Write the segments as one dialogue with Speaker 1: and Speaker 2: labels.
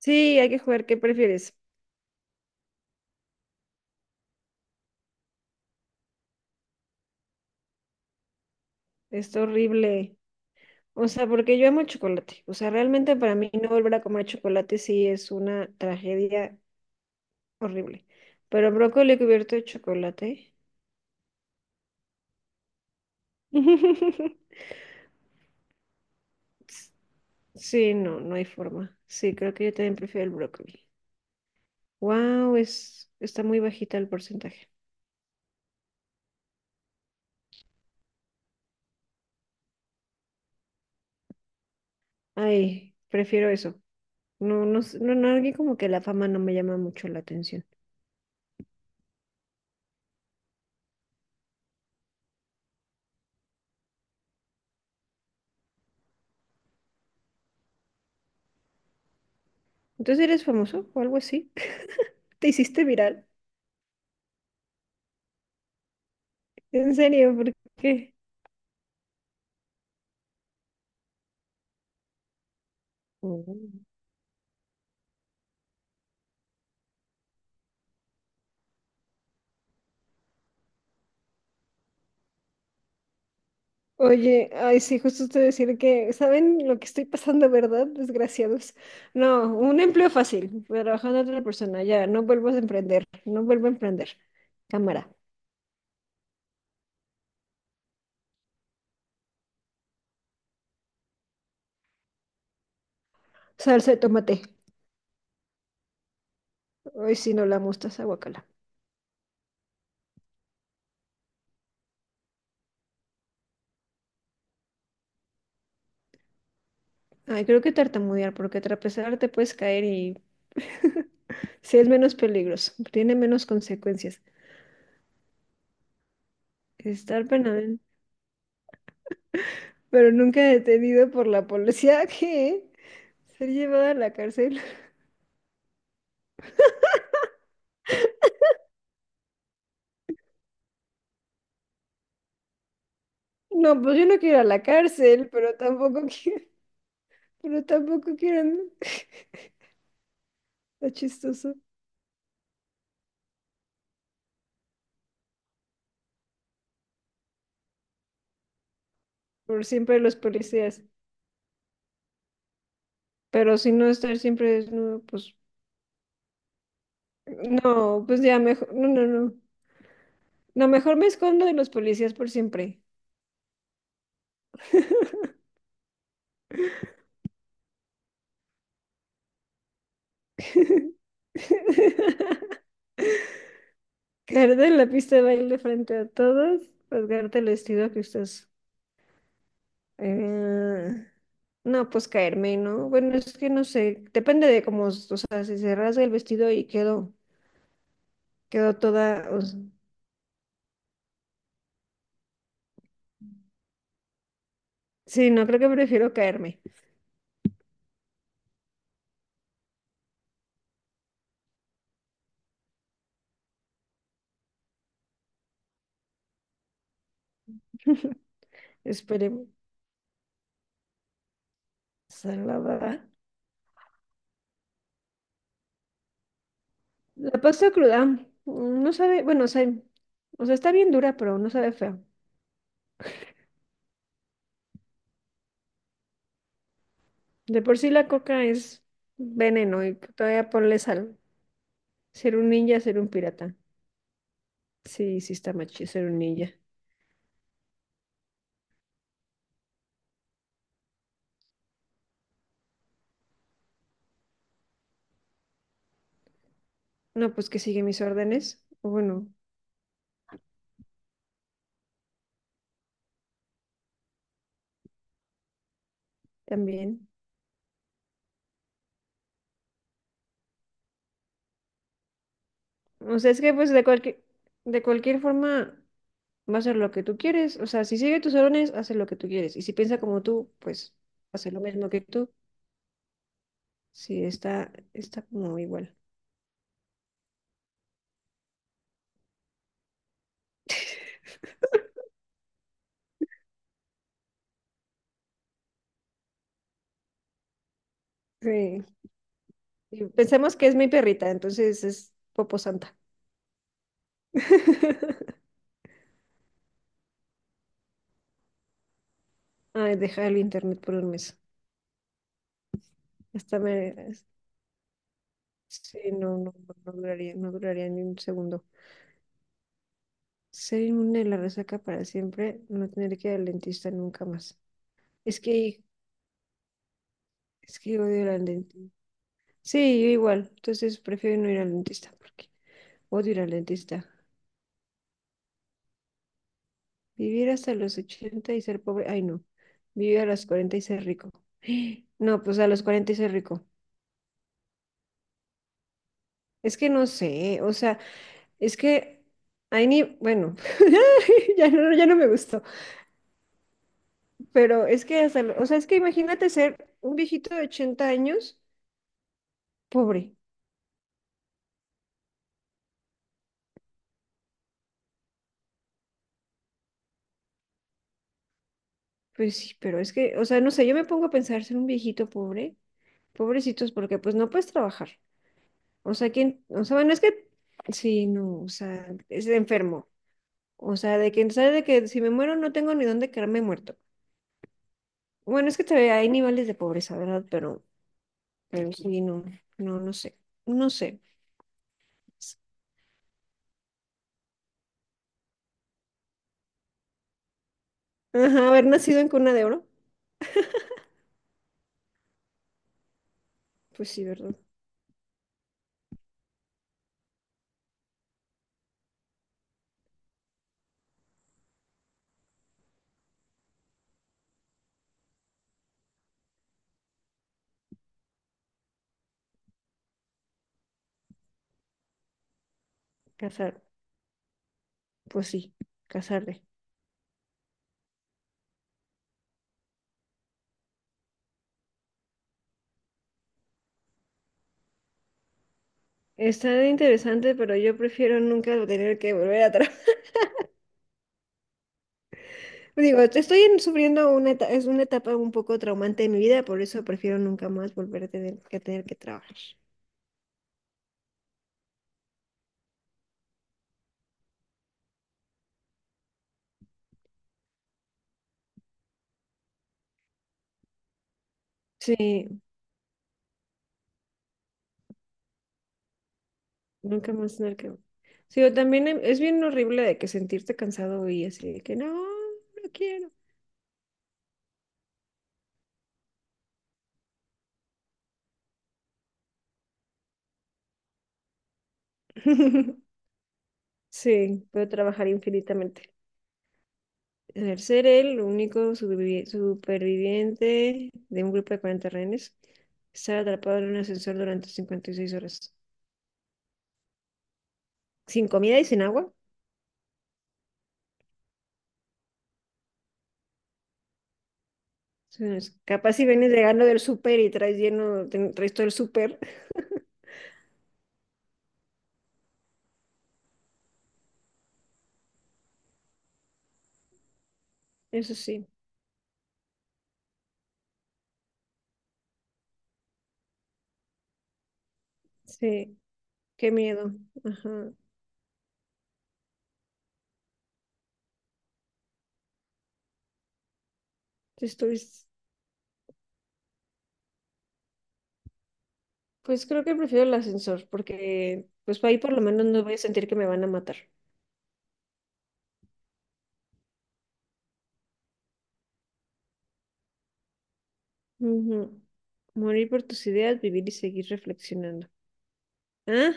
Speaker 1: Sí, hay que jugar. ¿Qué prefieres? Está horrible. O sea, porque yo amo el chocolate. O sea, realmente para mí no volver a comer chocolate sí es una tragedia horrible. Pero brócoli cubierto de chocolate. Sí, no, no hay forma. Sí, creo que yo también prefiero el brócoli. Wow, está muy bajita el porcentaje. Ay, prefiero eso. No, no, no, no, alguien como que la fama no me llama mucho la atención. Entonces, ¿eres famoso o algo así? ¿Te hiciste viral? ¿En serio? ¿Por qué? Mm. Oye, ay, sí, justo te decir que, ¿saben lo que estoy pasando, verdad? Desgraciados. No, un empleo fácil, pero trabajando a otra persona, ya, no vuelvo a emprender, no vuelvo a emprender. Cámara, salsa de tomate. Ay, sí, no la mostaza, guacala. Ay, creo que tartamudear, porque trapezar te puedes caer y sí es menos peligroso, tiene menos consecuencias. Estar penal, pero nunca detenido por la policía, que ser llevada a la cárcel. No, pues yo no quiero ir a la cárcel, pero tampoco quiero, pero tampoco quiero no. Está chistoso. Por siempre los policías. Pero si no estar siempre desnudo, pues no, pues ya mejor, no, no, no. No, mejor me escondo de los policías por siempre. Caer en la pista de baile frente a todos, rasgarte el vestido que usas. Eh, no, pues caerme, ¿no? Bueno, es que no sé, depende de cómo, o sea, si se rasga el vestido y quedo. Quedó toda. Sí, no creo, que prefiero caerme. Esperemos. Salada. La pasta cruda no sabe, bueno, o sea, está bien dura, pero no sabe feo. De por sí la coca es veneno y todavía ponle sal. Ser un ninja, ser un pirata. Sí, sí, está machi, ser un ninja. No, pues que sigue mis órdenes. O Bueno, también. O sea, es que pues de cualquier forma, va a hacer lo que tú quieres. O sea, si sigue tus órdenes, hace lo que tú quieres. Y si piensa como tú, pues hace lo mismo que tú. Sí, está como igual. Sí. Y pensemos que es mi perrita, entonces es Popo Santa. Ay, dejar el internet por un mes. Hasta me... Sí, no, no, no, no duraría, no duraría ni un segundo. Ser inmune a la resaca para siempre, no tener que ir al dentista nunca más. Es que, es que odio ir al dentista. Sí, yo igual. Entonces prefiero no ir al dentista porque odio ir al dentista. Vivir hasta los 80 y ser pobre. Ay, no. Vivir a los 40 y ser rico. No, pues a los 40 y ser rico. Es que no sé, o sea, es que hay ni, bueno, ya no, ya no me gustó, pero es que hasta, o sea, es que imagínate ser un viejito de 80 años pobre. Pues sí, pero es que, o sea, no sé, yo me pongo a pensar ser un viejito pobre, pobrecitos, porque pues no puedes trabajar. O sea, ¿quién? O sea, bueno, es que, sí, no, o sea, es enfermo. O sea, de que sabe de que si me muero no tengo ni dónde quedarme muerto. Bueno, es que te, hay niveles de pobreza, ¿verdad? Pero sí, no, no, no sé, no sé. Ajá, haber nacido en cuna de oro, pues sí, ¿verdad? Casar, pues sí, casarle. Está interesante, pero yo prefiero nunca tener que volver atrás. Digo, estoy sufriendo una etapa, es una etapa un poco traumante de mi vida, por eso prefiero nunca más volver a tener que trabajar. Sí, nunca más tener que... Sí, o también es bien horrible de que sentirte cansado y así de que no, no quiero. Sí, puedo trabajar infinitamente. El ser el único superviviente de un grupo de 40 rehenes, estar atrapado en un ascensor durante 56 horas. Sin comida y sin agua. Sí, capaz si vienes llegando del súper y traes lleno, traes todo el súper. Eso sí, sí, qué miedo. Ajá. Tú estuviste. Pues creo que prefiero el ascensor, porque pues ahí por lo menos no voy a sentir que me van a matar. Ujú. Morir por tus ideas, vivir y seguir reflexionando. ¿Ah?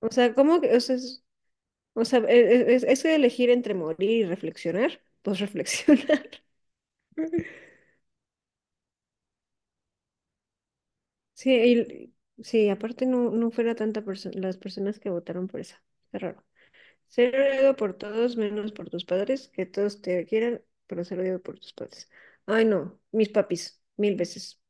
Speaker 1: O sea, ¿cómo que? O sea, o sea, e- es elegir entre morir y reflexionar, pues reflexionar. Sí, sí, aparte no, no fuera tanta las personas que votaron por esa. Qué raro. Ser odiado por todos menos por tus padres, que todos te quieran, pero ser odiado por tus padres. Ay, no, mis papis, mil veces.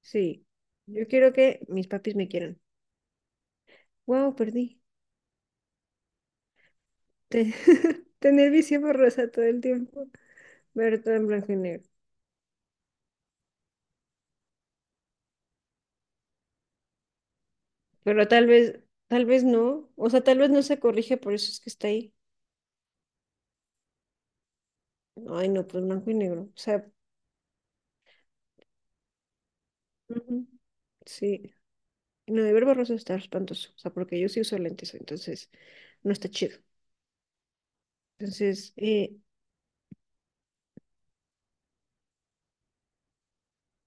Speaker 1: Sí, yo quiero que mis papis me quieran. Wow, perdí. Te- Tener visión borrosa todo el tiempo, ver todo en blanco y negro. Pero tal vez no. O sea, tal vez no se corrige, por eso es que está ahí. Ay, no, pues blanco y negro. O sea, ujú, sí. No, de ver borroso está espantoso. O sea, porque yo sí uso lentes, entonces no está chido. Entonces,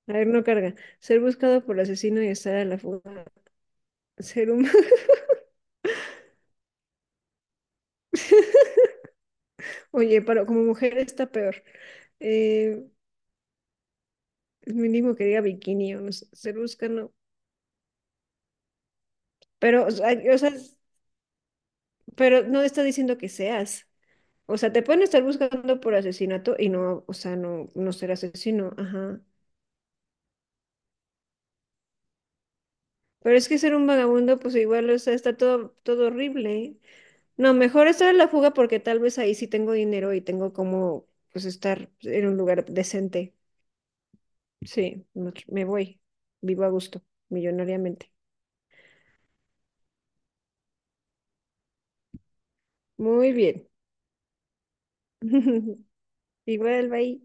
Speaker 1: a ver, no carga. Ser buscado por asesino y estar a la fuga. Ser humano. Oye, pero como mujer está peor. Eh, es mínimo que diga bikini o no sé, Cerusca no. Pero, o sea, o sea, es- pero no está diciendo que seas. O sea, te pueden estar buscando por asesinato y no, o sea, no, no ser asesino, ajá. Pero es que ser un vagabundo, pues igual, o sea, está todo, todo horrible. No, mejor estar en la fuga porque tal vez ahí sí tengo dinero y tengo como, pues, estar en un lugar decente. Sí, no, me voy. Vivo a gusto, millonariamente. Muy bien. Igual, bye.